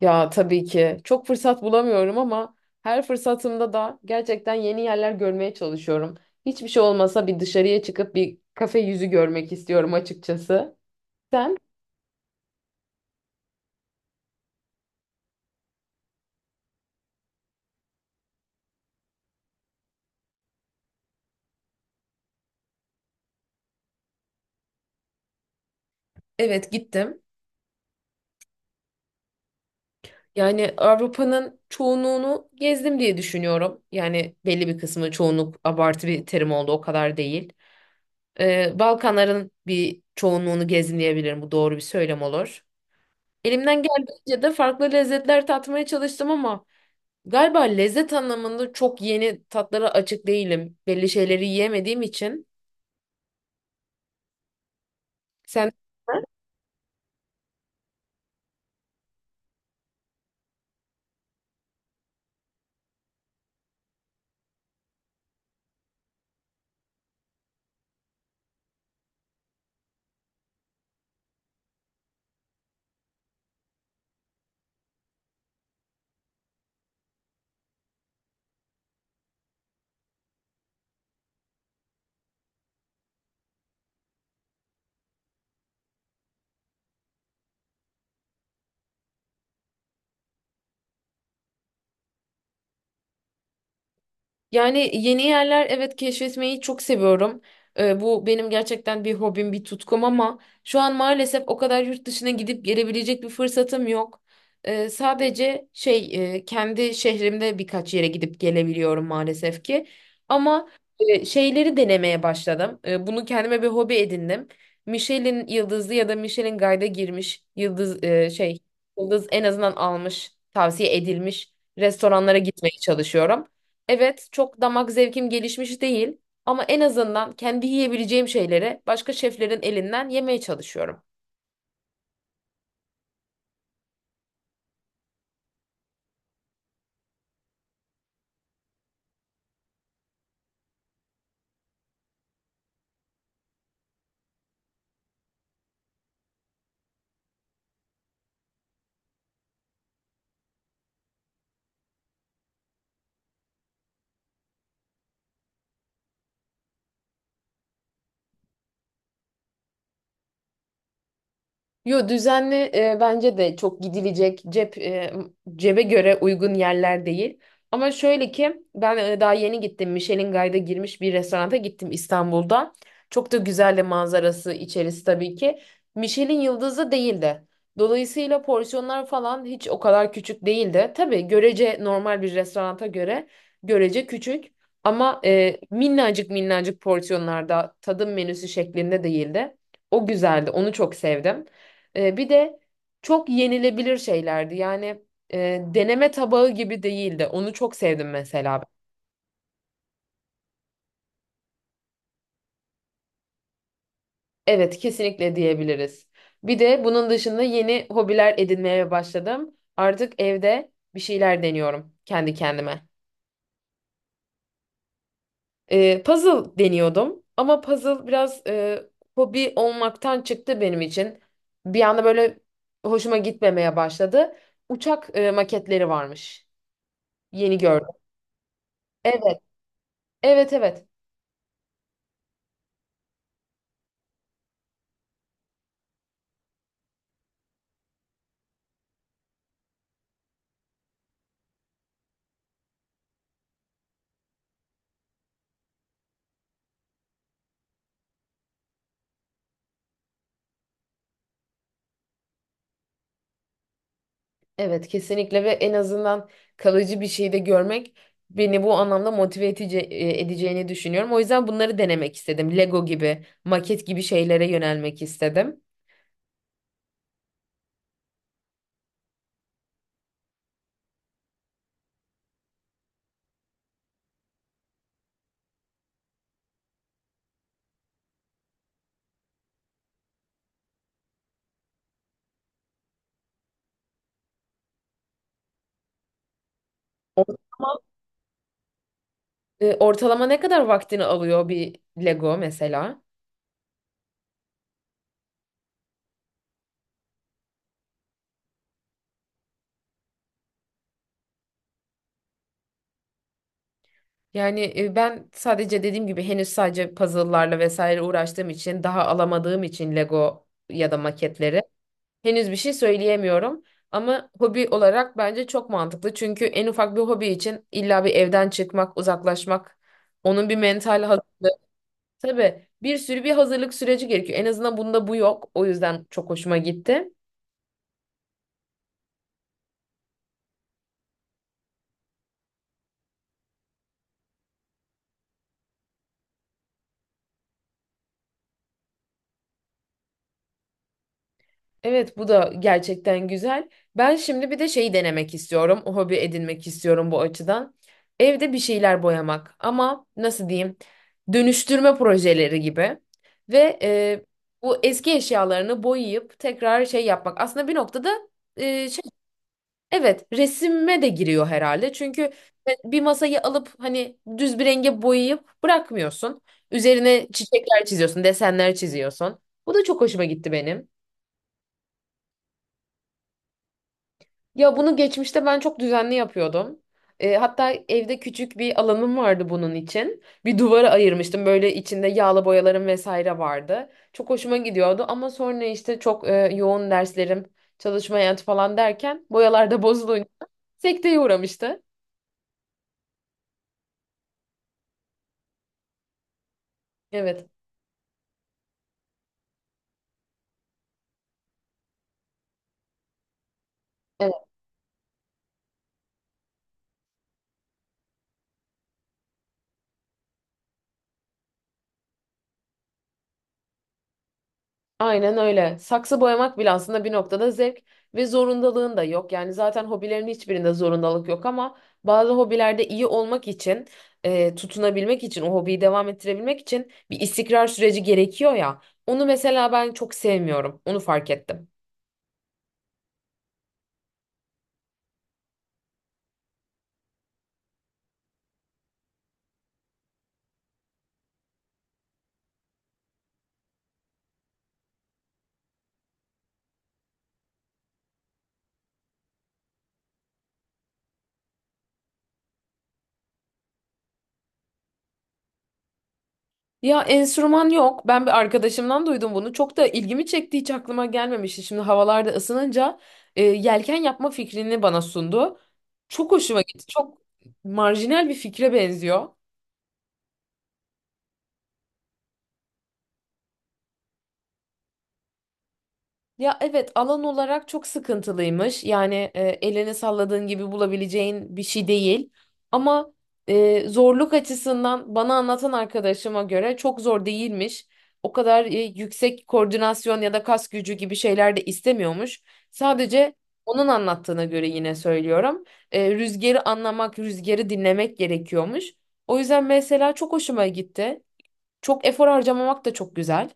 Ya tabii ki çok fırsat bulamıyorum ama her fırsatımda da gerçekten yeni yerler görmeye çalışıyorum. Hiçbir şey olmasa bir dışarıya çıkıp bir kafe yüzü görmek istiyorum açıkçası. Sen? Evet, gittim. Yani Avrupa'nın çoğunluğunu gezdim diye düşünüyorum. Yani belli bir kısmı, çoğunluk abartı bir terim oldu, o kadar değil. Balkanların bir çoğunluğunu gezdim diyebilirim, bu doğru bir söylem olur. Elimden geldiğince de farklı lezzetler tatmaya çalıştım ama galiba lezzet anlamında çok yeni tatlara açık değilim. Belli şeyleri yiyemediğim için. Sen... Yani yeni yerler, evet, keşfetmeyi çok seviyorum. Bu benim gerçekten bir hobim, bir tutkum ama şu an maalesef o kadar yurt dışına gidip gelebilecek bir fırsatım yok. Sadece kendi şehrimde birkaç yere gidip gelebiliyorum maalesef ki. Ama şeyleri denemeye başladım. Bunu kendime bir hobi edindim. Michelin yıldızlı ya da Michelin Guide'a girmiş yıldız yıldız en azından almış, tavsiye edilmiş restoranlara gitmeye çalışıyorum. Evet, çok damak zevkim gelişmiş değil ama en azından kendi yiyebileceğim şeyleri başka şeflerin elinden yemeye çalışıyorum. Yo, düzenli bence de çok gidilecek cebe göre uygun yerler değil. Ama şöyle ki ben daha yeni gittim. Michelin Guide'a girmiş bir restoranta gittim İstanbul'da. Çok da güzel de manzarası, içerisi tabii ki. Michelin yıldızı değildi. Dolayısıyla porsiyonlar falan hiç o kadar küçük değildi. Tabii görece normal bir restoranta göre görece küçük ama minnacık minnacık porsiyonlarda tadım menüsü şeklinde değildi. O güzeldi. Onu çok sevdim. Bir de çok yenilebilir şeylerdi. Yani deneme tabağı gibi değildi. Onu çok sevdim mesela. Evet, kesinlikle diyebiliriz. Bir de bunun dışında yeni hobiler edinmeye başladım. Artık evde bir şeyler deniyorum kendi kendime. Puzzle deniyordum ama puzzle biraz hobi olmaktan çıktı benim için. Bir anda böyle hoşuma gitmemeye başladı. Uçak maketleri varmış. Yeni gördüm. Evet, evet, evet. Evet, kesinlikle ve en azından kalıcı bir şey de görmek beni bu anlamda motive edici, edeceğini düşünüyorum. O yüzden bunları denemek istedim. Lego gibi, maket gibi şeylere yönelmek istedim. O zaman ortalama ne kadar vaktini alıyor bir Lego mesela? Yani ben sadece dediğim gibi henüz sadece puzzle'larla vesaire uğraştığım için, daha alamadığım için Lego ya da maketleri henüz bir şey söyleyemiyorum. Ama hobi olarak bence çok mantıklı. Çünkü en ufak bir hobi için illa bir evden çıkmak, uzaklaşmak, onun bir mental hazırlığı, tabii bir sürü bir hazırlık süreci gerekiyor. En azından bunda bu yok. O yüzden çok hoşuma gitti. Evet, bu da gerçekten güzel. Ben şimdi bir de şeyi denemek istiyorum. O hobi edinmek istiyorum bu açıdan. Evde bir şeyler boyamak ama nasıl diyeyim? Dönüştürme projeleri gibi. Ve bu eski eşyalarını boyayıp tekrar şey yapmak. Aslında bir noktada e, şey evet, resime de giriyor herhalde. Çünkü bir masayı alıp hani düz bir renge boyayıp bırakmıyorsun. Üzerine çiçekler çiziyorsun, desenler çiziyorsun. Bu da çok hoşuma gitti benim. Ya bunu geçmişte ben çok düzenli yapıyordum. Hatta evde küçük bir alanım vardı bunun için. Bir duvara ayırmıştım. Böyle içinde yağlı boyalarım vesaire vardı. Çok hoşuma gidiyordu ama sonra işte çok yoğun derslerim, çalışma hayatı falan derken boyalar da bozulunca sekteye uğramıştı. Evet. Aynen öyle. Saksı boyamak bile aslında bir noktada zevk ve zorundalığın da yok. Yani zaten hobilerin hiçbirinde zorundalık yok ama bazı hobilerde iyi olmak için, tutunabilmek için, o hobiyi devam ettirebilmek için bir istikrar süreci gerekiyor ya. Onu mesela ben çok sevmiyorum. Onu fark ettim. Ya, enstrüman yok. Ben bir arkadaşımdan duydum bunu. Çok da ilgimi çekti. Hiç aklıma gelmemişti. Şimdi havalarda ısınınca yelken yapma fikrini bana sundu. Çok hoşuma gitti. Çok marjinal bir fikre benziyor. Ya evet, alan olarak çok sıkıntılıymış. Yani elini salladığın gibi bulabileceğin bir şey değil. Ama zorluk açısından bana anlatan arkadaşıma göre çok zor değilmiş. O kadar yüksek koordinasyon ya da kas gücü gibi şeyler de istemiyormuş. Sadece onun anlattığına göre, yine söylüyorum, rüzgarı anlamak, rüzgarı dinlemek gerekiyormuş. O yüzden mesela çok hoşuma gitti. Çok efor harcamamak da çok güzel.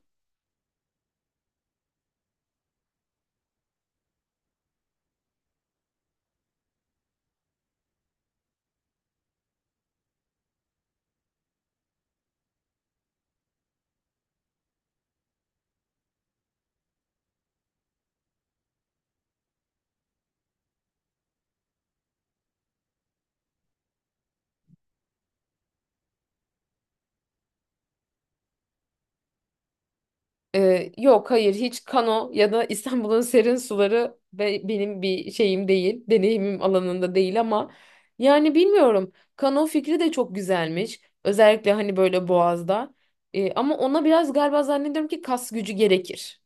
Yok, hayır, hiç kano ya da İstanbul'un serin suları benim bir şeyim değil. Deneyimim alanında değil ama yani bilmiyorum. Kano fikri de çok güzelmiş. Özellikle hani böyle Boğaz'da. Ama ona biraz galiba zannediyorum ki kas gücü gerekir.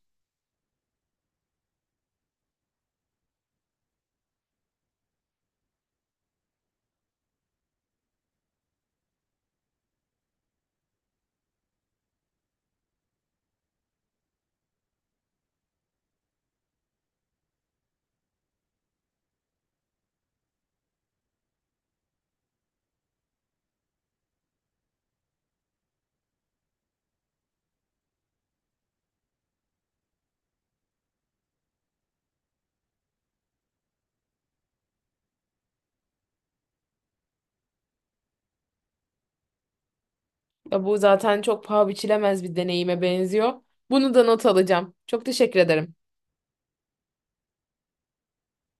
Ya bu zaten çok paha biçilemez bir deneyime benziyor. Bunu da not alacağım. Çok teşekkür ederim.